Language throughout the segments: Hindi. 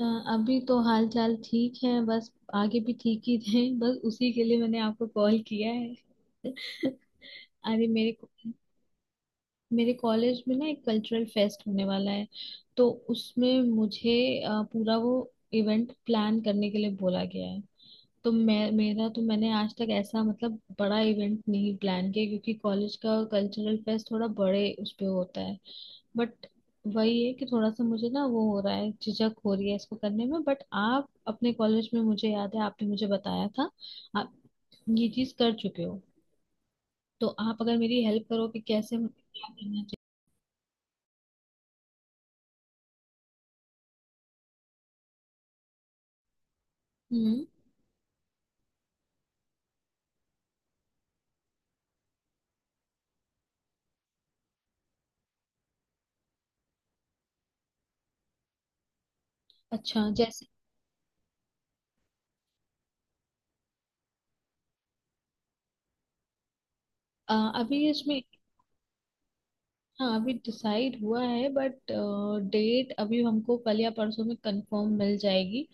अ, अभी तो हाल चाल ठीक है। बस आगे भी ठीक ही रहे, बस उसी के लिए मैंने आपको कॉल किया है। अरे मेरे मेरे कॉलेज में ना एक कल्चरल फेस्ट होने वाला है। तो उसमें मुझे पूरा वो इवेंट प्लान करने के लिए बोला गया है। तो मैं मेरा तो मैंने आज तक ऐसा मतलब बड़ा इवेंट नहीं प्लान किया, क्योंकि कॉलेज का कल्चरल फेस्ट थोड़ा बड़े उस पे होता है। बट वही है कि थोड़ा सा मुझे ना वो हो रहा है, झिझक हो रही है इसको करने में। बट आप अपने कॉलेज में, मुझे याद है आपने मुझे बताया था, आप ये चीज कर चुके हो। तो आप अगर मेरी हेल्प करो कि कैसे मुझे क्या करना चाहिए। हम्म। अच्छा, जैसे अ, अभी इसमें, हाँ अभी डिसाइड हुआ है। बट डेट अभी हमको कल या परसों में कंफर्म मिल जाएगी।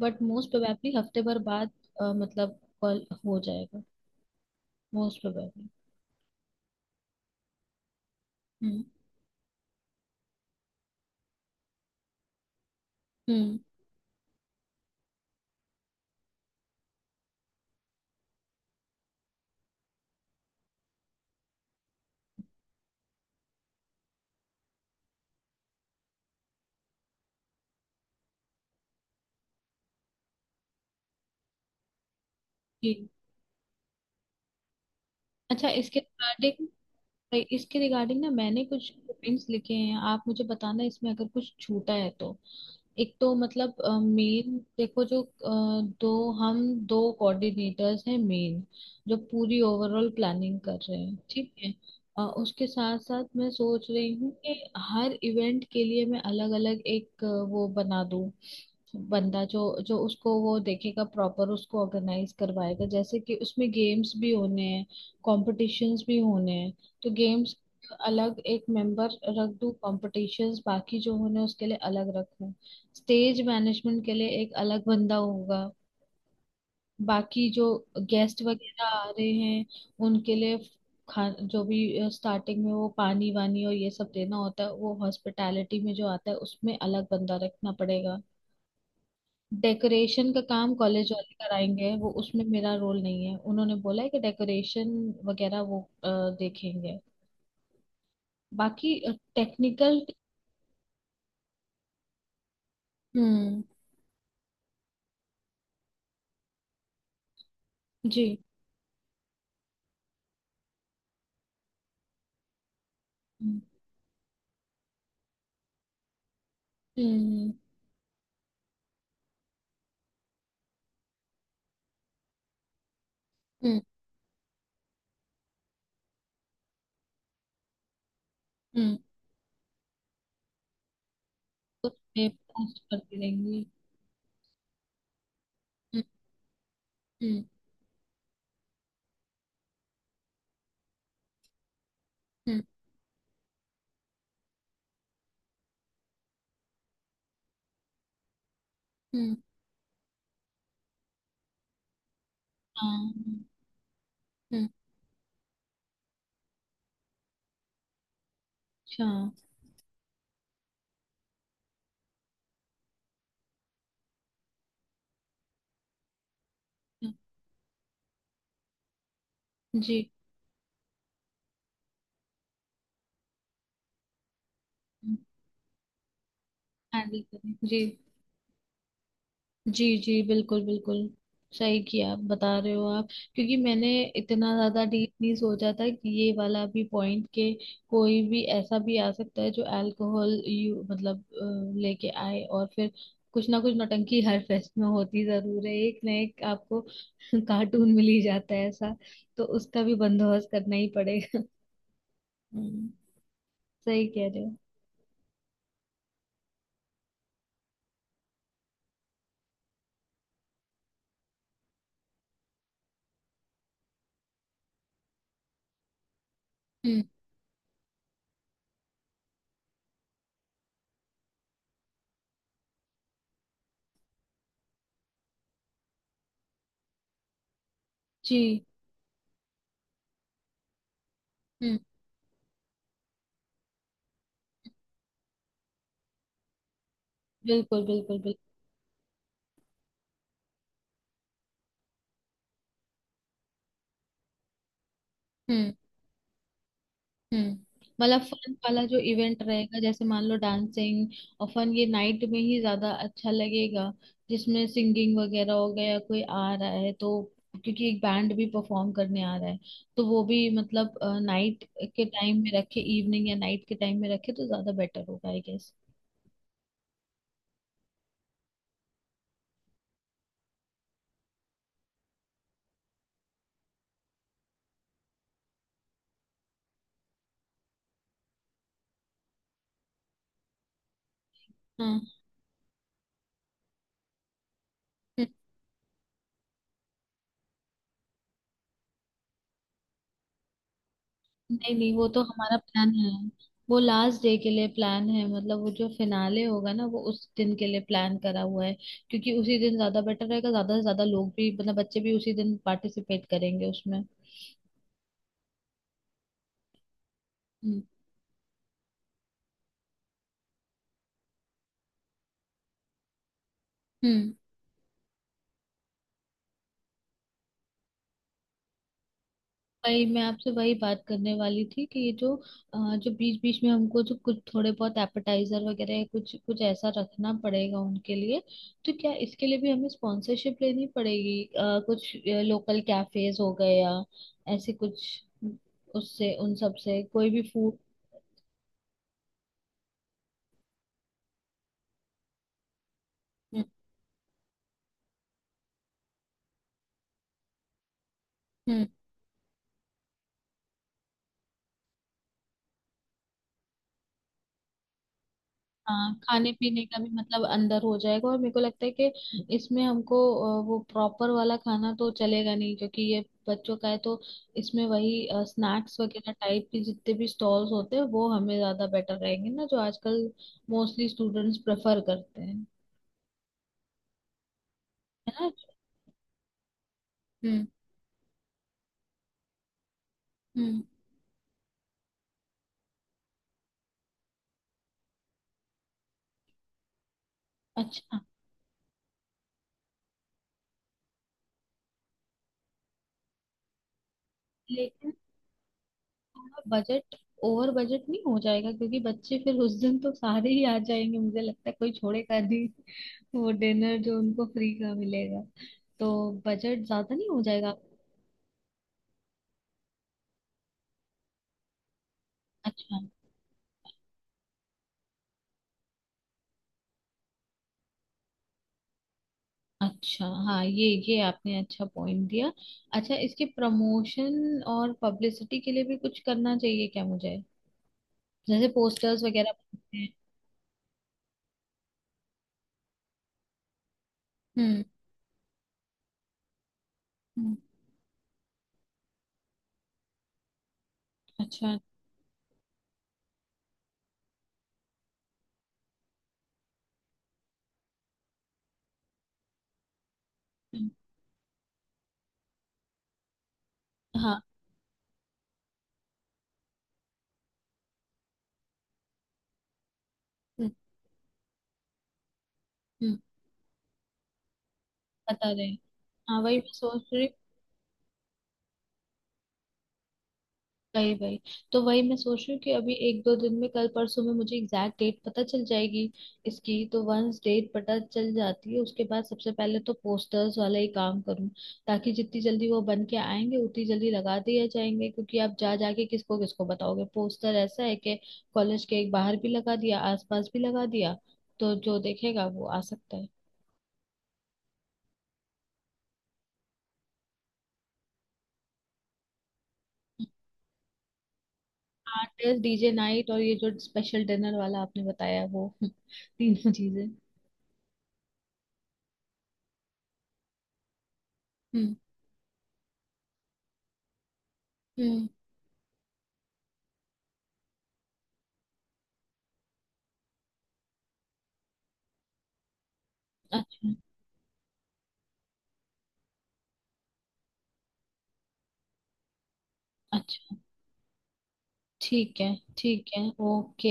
बट मोस्ट प्रोबेबली हफ्ते भर बाद मतलब कॉल हो जाएगा। Most probably. हम्म। हम्म। जी। अच्छा, इसके रिगार्डिंग ना मैंने कुछ पॉइंट्स लिखे हैं, आप मुझे बताना इसमें अगर कुछ छूटा है तो। एक तो मतलब मेन देखो जो दो कोऑर्डिनेटर्स हैं मेन, जो पूरी ओवरऑल प्लानिंग कर रहे हैं, ठीक है। उसके साथ साथ मैं सोच रही हूँ कि हर इवेंट के लिए मैं अलग अलग एक वो बना दूँ। बंदा जो जो उसको वो देखेगा, प्रॉपर उसको ऑर्गेनाइज करवाएगा। जैसे कि उसमें गेम्स भी होने हैं, कॉम्पिटिशन्स भी होने हैं। तो गेम्स अलग एक मेंबर रख दूं, कॉम्पिटिशन्स बाकी जो होने हैं, उसके लिए अलग रखूं। स्टेज मैनेजमेंट के लिए एक अलग बंदा होगा। बाकी जो गेस्ट वगैरह आ रहे हैं उनके लिए, खा जो भी स्टार्टिंग में वो पानी वानी और ये सब देना होता है, वो हॉस्पिटैलिटी में जो आता है, उसमें अलग बंदा रखना पड़ेगा। डेकोरेशन का काम कॉलेज वाले कराएंगे, वो उसमें मेरा रोल नहीं है। उन्होंने बोला है कि डेकोरेशन वगैरह वो देखेंगे। बाकी टेक्निकल। हम्म। जी। हम्म। हम्म। हम्म। हम्म। मैं पोस्ट करती रहेंगी। हम्म। हम्म। हम्म। हम्म। हाँ। हम्म। अच्छा। जी। हैंडल करें। जी जी जी, बिल्कुल बिल्कुल। सही किया आप, बता रहे हो आप। क्योंकि मैंने इतना ज्यादा डीप नहीं सोचा था कि ये वाला भी पॉइंट के कोई भी ऐसा भी आ सकता है जो अल्कोहल यू मतलब लेके आए और फिर कुछ ना कुछ नौटंकी हर फेस्ट में होती जरूर है, एक ना एक आपको कार्टून मिल ही जाता है ऐसा। तो उसका भी बंदोबस्त करना ही पड़ेगा। हम्म। सही कह रहे हो। हम्म। जी। हम्म। बिल्कुल बिल्कुल बिल्कुल। हम्म। हम्म। मतलब फन वाला जो इवेंट रहेगा, जैसे मान लो डांसिंग और फन, ये नाइट में ही ज्यादा अच्छा लगेगा। जिसमें सिंगिंग वगैरह हो गया या कोई आ रहा है तो, क्योंकि एक बैंड भी परफॉर्म करने आ रहा है। तो वो भी मतलब नाइट के टाइम में रखे, इवनिंग या नाइट के टाइम में रखे तो ज्यादा बेटर होगा, आई गेस। हाँ। नहीं नहीं, वो तो हमारा प्लान है। वो लास्ट डे के लिए प्लान है, मतलब वो जो फिनाले होगा ना, वो उस दिन के लिए प्लान करा हुआ है। क्योंकि उसी दिन ज्यादा बेटर रहेगा, ज्यादा से ज्यादा लोग भी मतलब बच्चे भी उसी दिन पार्टिसिपेट करेंगे उसमें। हम्म। हम्म। वही मैं आपसे वही बात करने वाली थी कि ये जो जो बीच बीच में हमको जो कुछ थोड़े बहुत एपेटाइजर वगैरह या कुछ कुछ ऐसा रखना पड़ेगा उनके लिए। तो क्या इसके लिए भी हमें स्पॉन्सरशिप लेनी पड़ेगी कुछ लोकल कैफेज हो गए या ऐसे कुछ, उससे उन सब से कोई भी फूड। हम्म। हाँ खाने पीने का भी मतलब अंदर हो जाएगा। और मेरे को लगता है कि इसमें हमको वो प्रॉपर वाला खाना तो चलेगा नहीं, क्योंकि ये बच्चों का है। तो इसमें वही स्नैक्स वगैरह टाइप के जितने भी स्टॉल्स होते हैं वो हमें ज्यादा बेटर रहेंगे ना, जो आजकल मोस्टली स्टूडेंट्स प्रेफर करते हैं, है ना। हम्म। हम्म। अच्छा। लेकिन बजट, ओवर बजट नहीं हो जाएगा? क्योंकि बच्चे फिर उस दिन तो सारे ही आ जाएंगे, मुझे लगता है कोई छोड़ेगा नहीं। वो डिनर जो उनको फ्री का मिलेगा। तो बजट ज्यादा नहीं हो जाएगा? अच्छा। अच्छा हाँ, ये आपने अच्छा पॉइंट दिया। अच्छा, इसके प्रमोशन और पब्लिसिटी के लिए भी कुछ करना चाहिए क्या मुझे? जैसे पोस्टर्स वगैरह बनाते हैं। हम्म। हम्म। अच्छा। हम्म। हाँ। हम्म। हम्म, बता रहे हैं। हाँ वही वही तो वही मैं सोच रही हूँ कि अभी एक दो दिन में कल परसों में मुझे एग्जैक्ट डेट पता चल जाएगी इसकी। तो वंस डेट पता चल जाती है उसके बाद सबसे पहले तो पोस्टर्स वाला ही काम करूँ, ताकि जितनी जल्दी वो बन के आएंगे उतनी जल्दी लगा दिए जाएंगे। क्योंकि आप जा जाके किसको किसको बताओगे, पोस्टर ऐसा है कि कॉलेज के एक बाहर भी लगा दिया, आसपास भी लगा दिया, तो जो देखेगा वो आ सकता है। आर्टिस्ट, डीजे नाइट और ये जो स्पेशल डिनर वाला आपने बताया वो, तीनों चीजें। हम्म। हम्म। अच्छा। अच्छा ठीक है। ठीक है। ओके।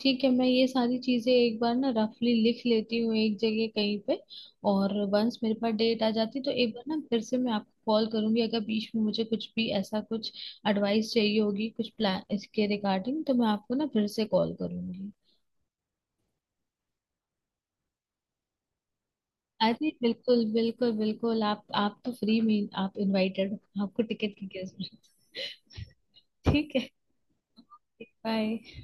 ठीक है, मैं ये सारी चीजें एक बार ना रफली लिख लेती हूँ एक जगह कहीं पे। और वंस मेरे पास डेट आ जाती तो एक बार ना फिर से मैं आपको कॉल करूंगी। अगर बीच में मुझे कुछ भी ऐसा कुछ एडवाइस चाहिए होगी, कुछ प्लान इसके रिगार्डिंग, तो मैं आपको ना फिर से कॉल करूंगी। अरे बिल्कुल बिल्कुल बिल्कुल, आप तो फ्री में आप इनवाइटेड। आपको टिकट की क्या जरूरत। ठीक है। बाय।